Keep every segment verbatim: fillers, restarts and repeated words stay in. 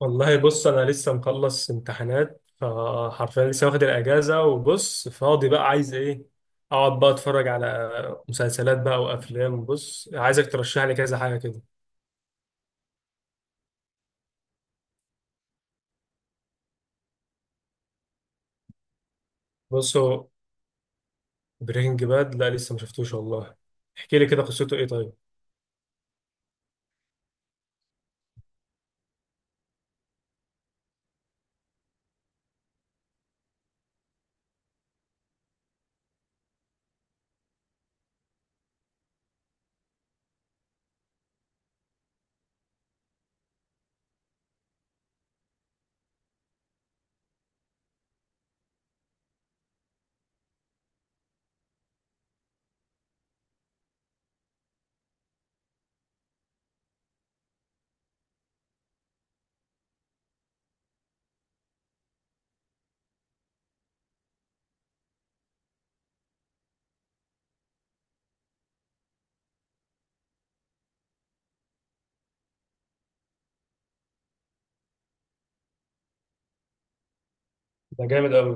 والله بص انا لسه مخلص امتحانات فحرفيا لسه واخد الاجازه وبص فاضي بقى عايز ايه. اقعد بقى اتفرج على مسلسلات بقى وافلام. بص عايزك ترشح لي كذا حاجه كده. بص هو برينج باد لا لسه ما شفتوش والله. احكي لي كده قصته ايه طيب؟ ده جامد قوي.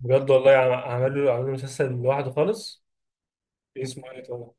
بجد والله عم- عملوا عملوا مسلسل لوحده خالص؟ اسمه ايه طبعا؟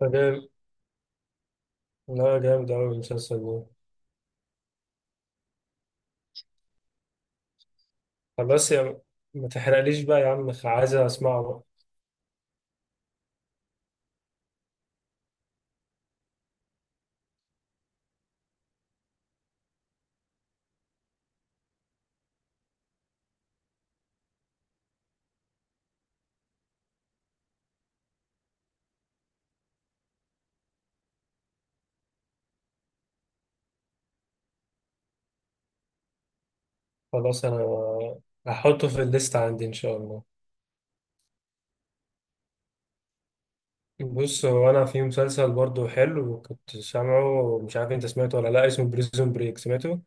فجامد. لا جامد قوي المسلسل ده. طب بس يا، ما تحرقليش بقى يا عم، عايز اسمعه بقى. خلاص انا هحطه في الليست عندي ان شاء الله. بص هو انا في مسلسل برضو حلو كنت سامعه، مش عارف انت سمعته ولا لا، اسمه بريزون بريك، سمعته؟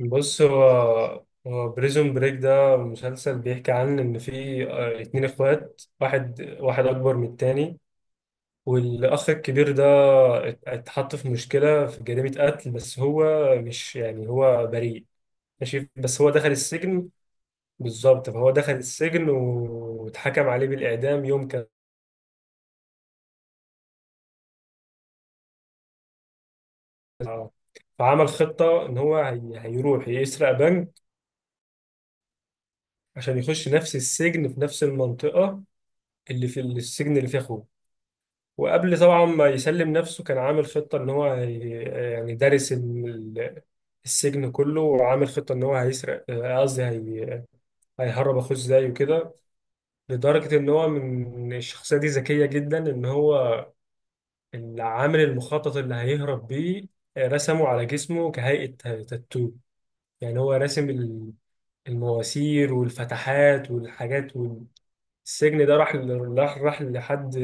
بص هو هو بريزون بريك ده مسلسل بيحكي عن ان في آه، اتنين اخوات، واحد واحد اكبر من التاني. والاخ الكبير ده ات- اتحط في مشكلة في جريمة قتل بس هو مش يعني، هو بريء. ماشي بس هو دخل السجن. بالظبط، فهو دخل السجن واتحكم عليه بالإعدام يوم. اه، فعمل خطة إن هو هي- هيروح يسرق بنك عشان يخش نفس السجن في نفس المنطقة اللي في السجن اللي فيه أخوه. وقبل طبعا ما يسلم نفسه كان عامل خطة إن هو هي- يعني دارس ال- السجن كله، وعامل خطة إن هو هيسرق، آه، قصدي هي- هيهرب أخوه إزاي وكده. لدرجة إن هو من الشخصية دي ذكية جدا، إن هو اللي عامل المخطط اللي هيهرب بيه، آه، رسمه على جسمه كهيئة تاتو. يعني هو راسم المواسير والفتحات والحاجات. والسجن ده راح ل- راح راح لحد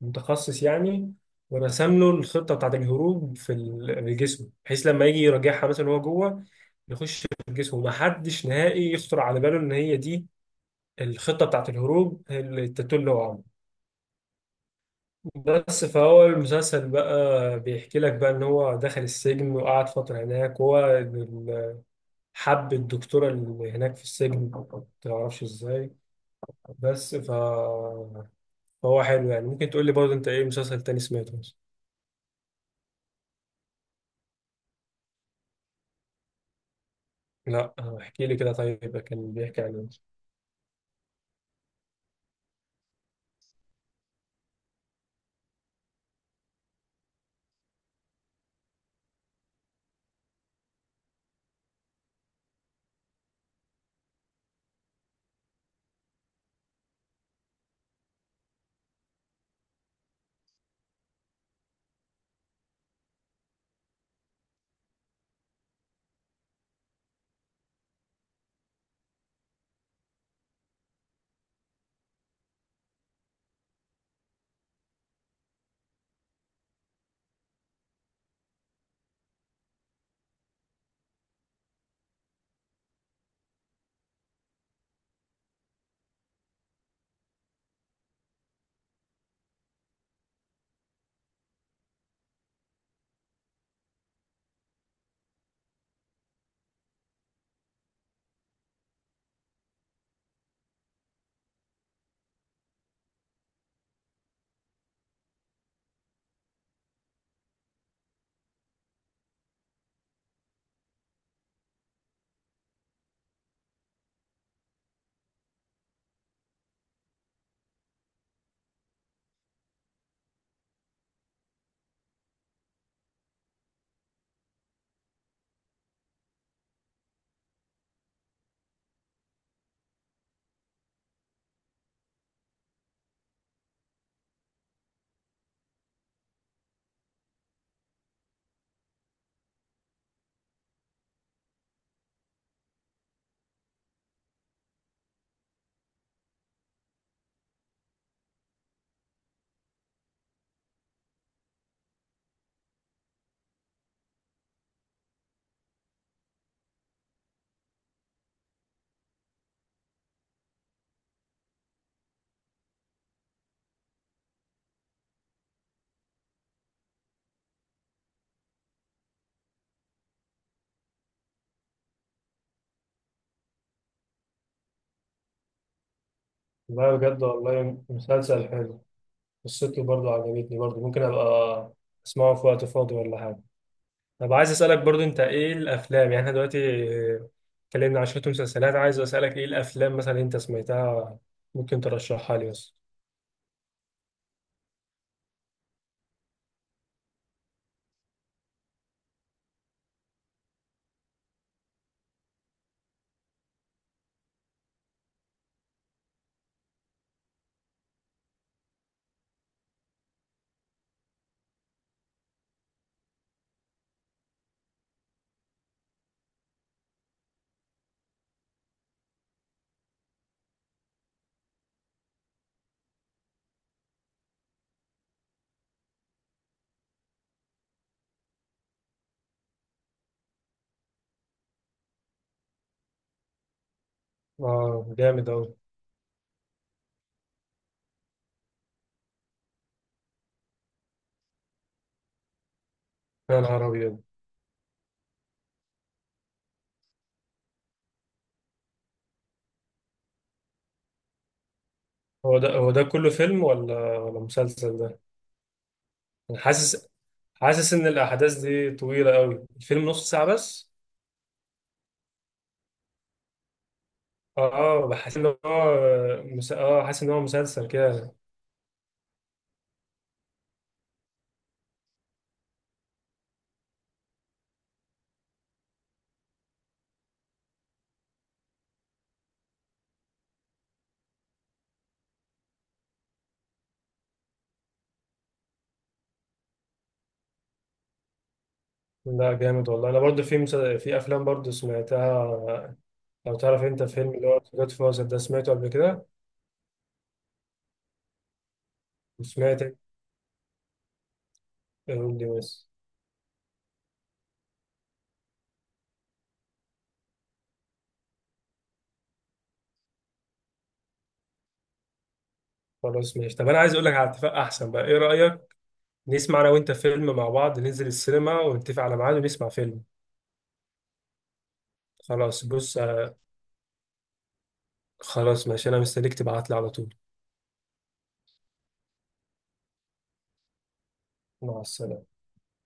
متخصص يعني، ورسم له الخطة بتاعت الهروب في ال- في الجسم، بحيث لما يجي يراجعها مثلا وهو جوه يخش في الجسم، ومحدش نهائي يخطر على باله ان هي دي الخطة بتاعت الهروب، التاتو اللي هو عامله. بس فهو المسلسل بقى بيحكي لك بقى ان هو دخل السجن وقعد فترة هناك، وهو ال- حب الدكتورة اللي هناك في السجن، متعرفش ازاي. بس ف... فهو حلو يعني. ممكن تقول لي برضه انت ايه مسلسل تاني سمعته مثلا؟ لا، احكي لي كده طيب، كان بيحكي عن ايه؟ لا بجد والله مسلسل حلو، قصته برضه عجبتني، برضه ممكن أبقى أسمعه في وقت فاضي ولا حاجة. طب عايز اسالك برضه انت ايه الافلام؟ يعني احنا دلوقتي اتكلمنا عن شويه مسلسلات، عايز اسالك ايه الافلام مثلا انت سمعتها؟ ممكن ترشحها لي بس. آه جامد أوي. يا نهار ابيض! هو ده، هو ده كله فيلم ولا ولا مسلسل ده؟ انا حاسس، حاسس ان الاحداث دي طويله قوي، الفيلم نص ساعه بس؟ اه اه، بحس ان هو مس... اه حاسس ان هو مسلسل كده. لا جامد والله. انا برضو في مس... في افلام برضو سمعتها. لو تعرف انت فيلم اللي هو جود فازر ده، سمعته قبل كده؟ وسمعت، قول لي بس. خلاص ماشي، طب انا عايز اقول لك على اتفاق احسن بقى، ايه رايك نسمع انا وانت فيلم مع بعض، ننزل السينما ونتفق على ميعاد ونسمع فيلم. خلاص بص، آه، خلاص ماشي، انا مستنيك تبعت لي على طول. مع السلامه.